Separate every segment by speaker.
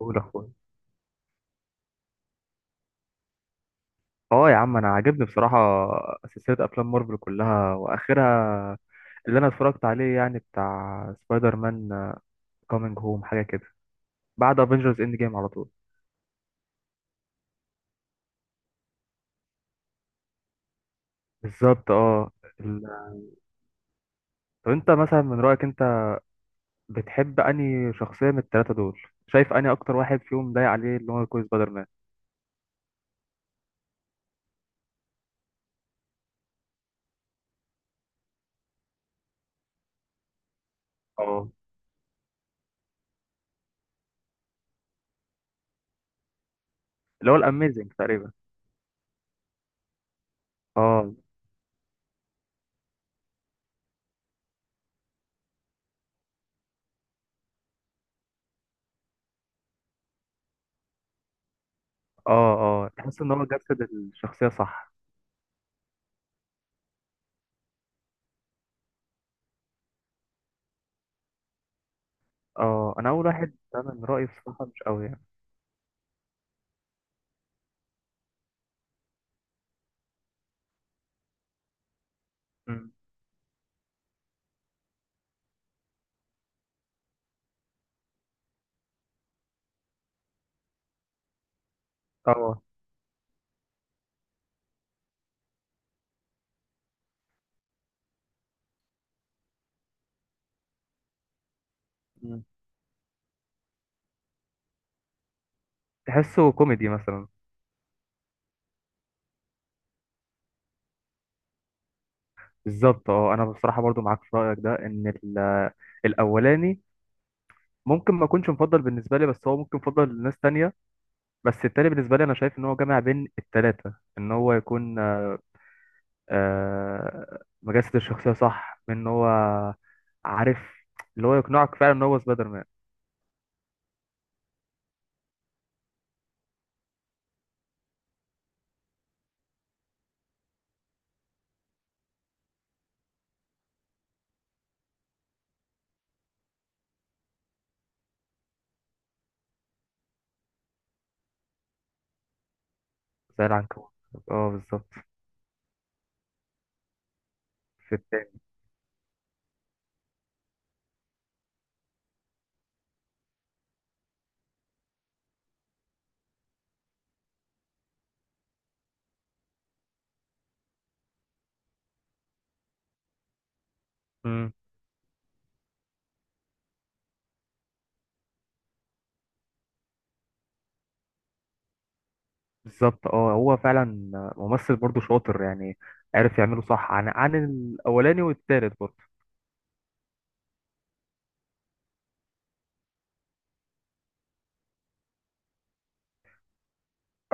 Speaker 1: قول اخويا. اه، يا عم انا عاجبني بصراحه، سلسله افلام مارفل كلها واخرها اللي انا اتفرجت عليه، يعني بتاع سبايدر مان كومينج هوم حاجه كده، بعد افنجرز اند جيم على طول. بالظبط اه. ال... طب انت مثلا من رايك انت، بتحب انهي شخصيه من الثلاثه دول؟ شايف انهي اكتر واحد فيهم ضايق عليه اللي هو يكون سبايدر مان؟ اه، اللي هو الاميزنج تقريبا. اه، اه، اه، تحس ان هو جسد الشخصيه صح. اه، انا اول واحد، انا من رايي بصراحه مش قوي يعني. أمم. اه، تحسه كوميدي مثلا؟ بالظبط اه، انا بصراحه برضو معاك في رايك ده، ان الاولاني ممكن ما يكونش مفضل بالنسبه لي، بس هو ممكن مفضل لناس تانية. بس التاني بالنسبه لي انا شايف ان هو جامع بين التلاته، ان هو يكون مجسد الشخصيه صح، من ان هو عارف اللي هو يقنعك فعلا ان هو سبايدر مان. زي العنكبوت. اه بالظبط. في التاني. مم. بالظبط اه، هو فعلا ممثل برضو شاطر، يعني عارف يعمله صح، عن الاولاني والتالت برضو.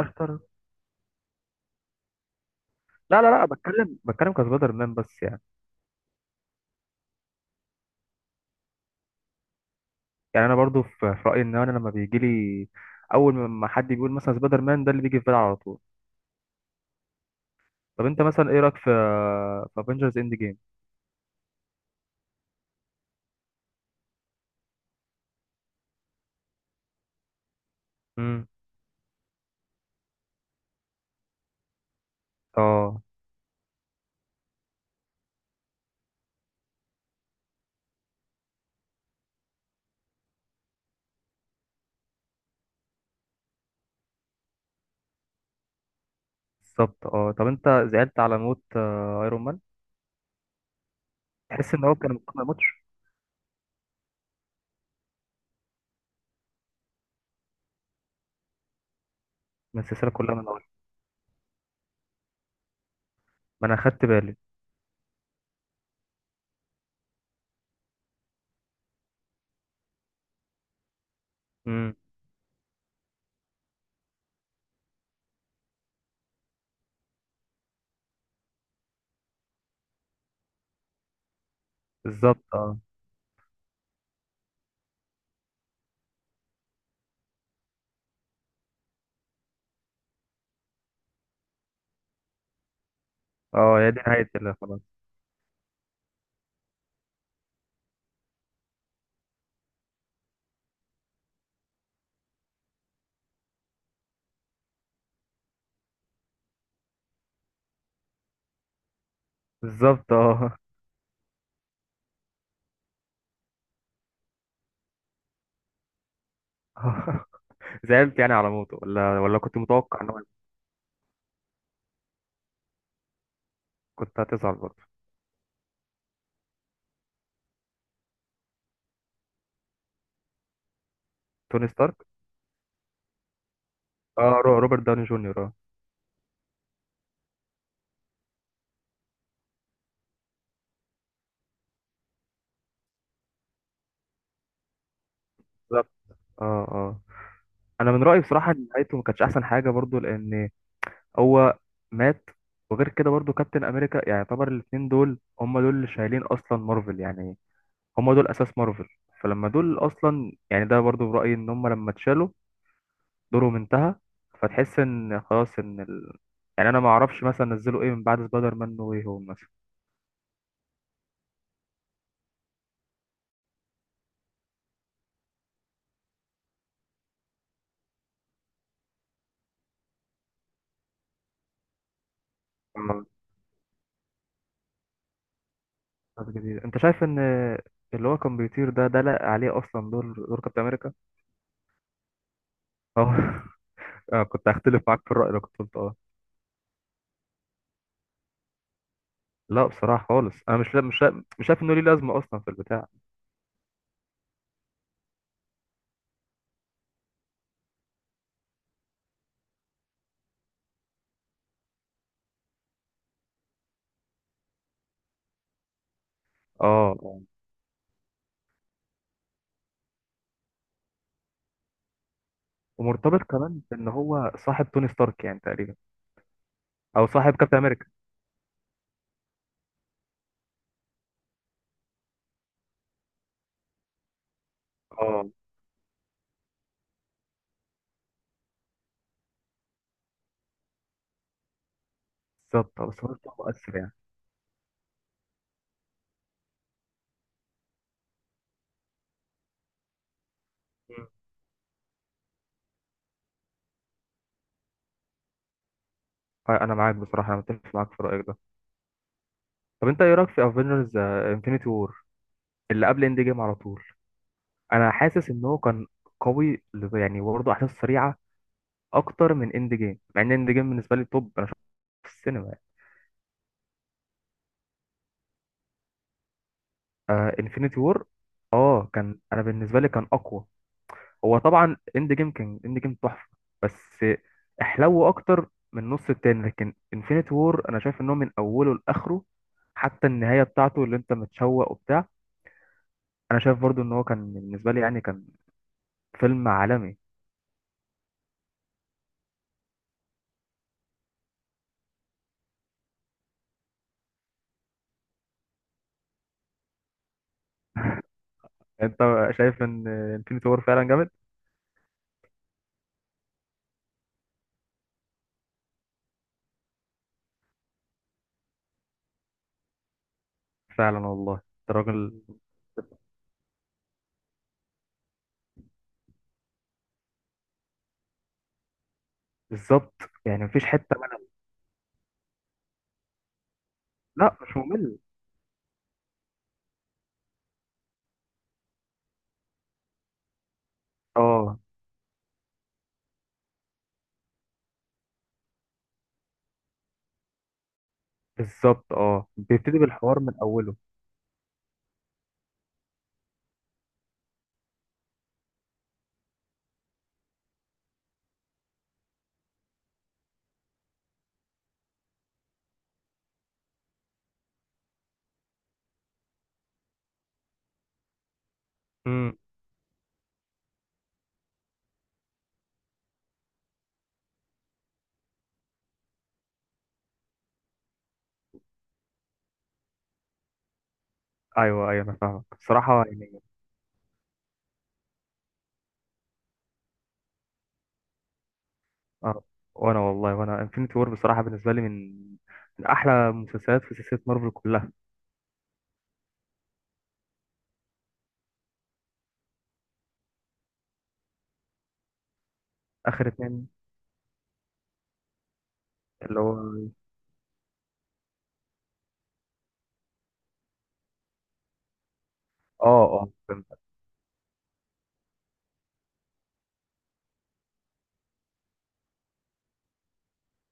Speaker 1: اشطر. لا، لا، لا، بتكلم بتكلم كسبايدر مان بس يعني. يعني انا برضو في رايي، ان انا لما بيجي لي اول ما حد بيقول مثلا سبايدر مان، ده اللي بيجي في بالي على طول. طب انت مثلا ايه رايك في افنجرز اند جيم؟ امم، اه بالظبط. اه طب انت، زعلت على موت ايرون مان؟ تحس ان هو كان المفروض ما يموتش؟ من السلسله كلها، من اول ما انا خدت بالي. امم، بالظبط. اه اه، هي دي نهايه خلاص. بالظبط اه. زعلت يعني على موته، ولا كنت متوقع ان هو كنت هتزعل برضه؟ توني ستارك. اه، روبرت داوني جونيور اه. بالظبط اه اه، انا من رايي بصراحه ان نهايته ما كانتش احسن حاجه برضو، لان هو مات. وغير كده برضو كابتن امريكا، يعني يعتبر الاثنين دول هم دول اللي شايلين اصلا مارفل يعني. هم دول اساس مارفل. فلما دول اصلا، يعني ده برضو برايي، ان هم لما اتشالوا دورهم انتهى. فتحس ان خلاص، ان يعني انا ما اعرفش مثلا نزلوا ايه من بعد سبايدر مان نو واي هوم مثلا. آه. طب جديد، انت شايف ان اللي هو كان بيطير ده، لا عليه اصلا دور كابتن امريكا؟ اه. أنا كنت هختلف معاك في الرأي اللي كنت قلته اه. لا بصراحة خالص، أنا مش شايف إنه ليه لازمة أصلا في البتاع. اه، آه. ومرتبط كمان بإن هو صاحب توني ستارك يعني تقريبا، أو صاحب كابتن أمريكا. اه بالظبط، بس هو برضه مؤثر يعني. مم. أنا معاك بصراحة، أنا متفق معاك في رأيك ده. طب أنت إيه رأيك في افنجرز انفينيتي وور اللي قبل إند جيم على طول؟ أنا حاسس إن هو كان قوي، يعني برضه أحداث سريعة أكتر من إند جيم، مع إن إند جيم بالنسبة لي توب، أنا شفته في السينما. آه انفينيتي وور. اه كان، انا بالنسبه لي كان اقوى. هو طبعا اند جيم كان، اند جيم تحفه، بس احلو اكتر من نص التاني. لكن انفينيتي وور انا شايف ان هو من اوله لاخره، حتى النهايه بتاعته اللي انت متشوق وبتاع. انا شايف برضو ان هو كان بالنسبه لي يعني كان فيلم عالمي. انت شايف ان انفينيتي وور فعلا جامد. فعلا والله أنت راجل. بالظبط، يعني مفيش حته من... لا مش ممل. اه بالظبط، اه بيبتدي بالحوار من اوله. ايوه، ايوه، انا فاهمك بصراحه يعني. اه، وانا والله وانا انفينيتي وور بصراحه بالنسبه لي من احلى مسلسلات في سلسله مارفل كلها. اخر اتنين اللي هو، اه اه فهمت.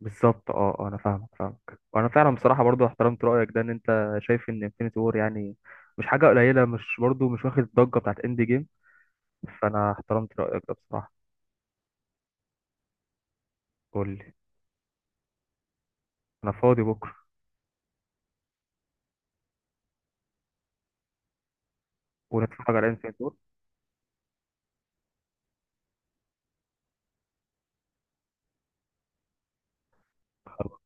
Speaker 1: بالظبط اه اه، انا فاهمك فاهمك، وانا فعلا بصراحه برضو احترمت رايك ده، ان انت شايف ان انفينيتي وور يعني مش حاجه قليله، مش برضو مش واخد الضجه بتاعت اند جيم. فانا احترمت رايك ده بصراحه. قول لي. انا فاضي بكره. ونتفرج على انفينيتي وور. خلاص.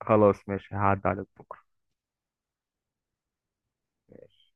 Speaker 1: خلاص، ماشي هعدي عليك بكره. ماشي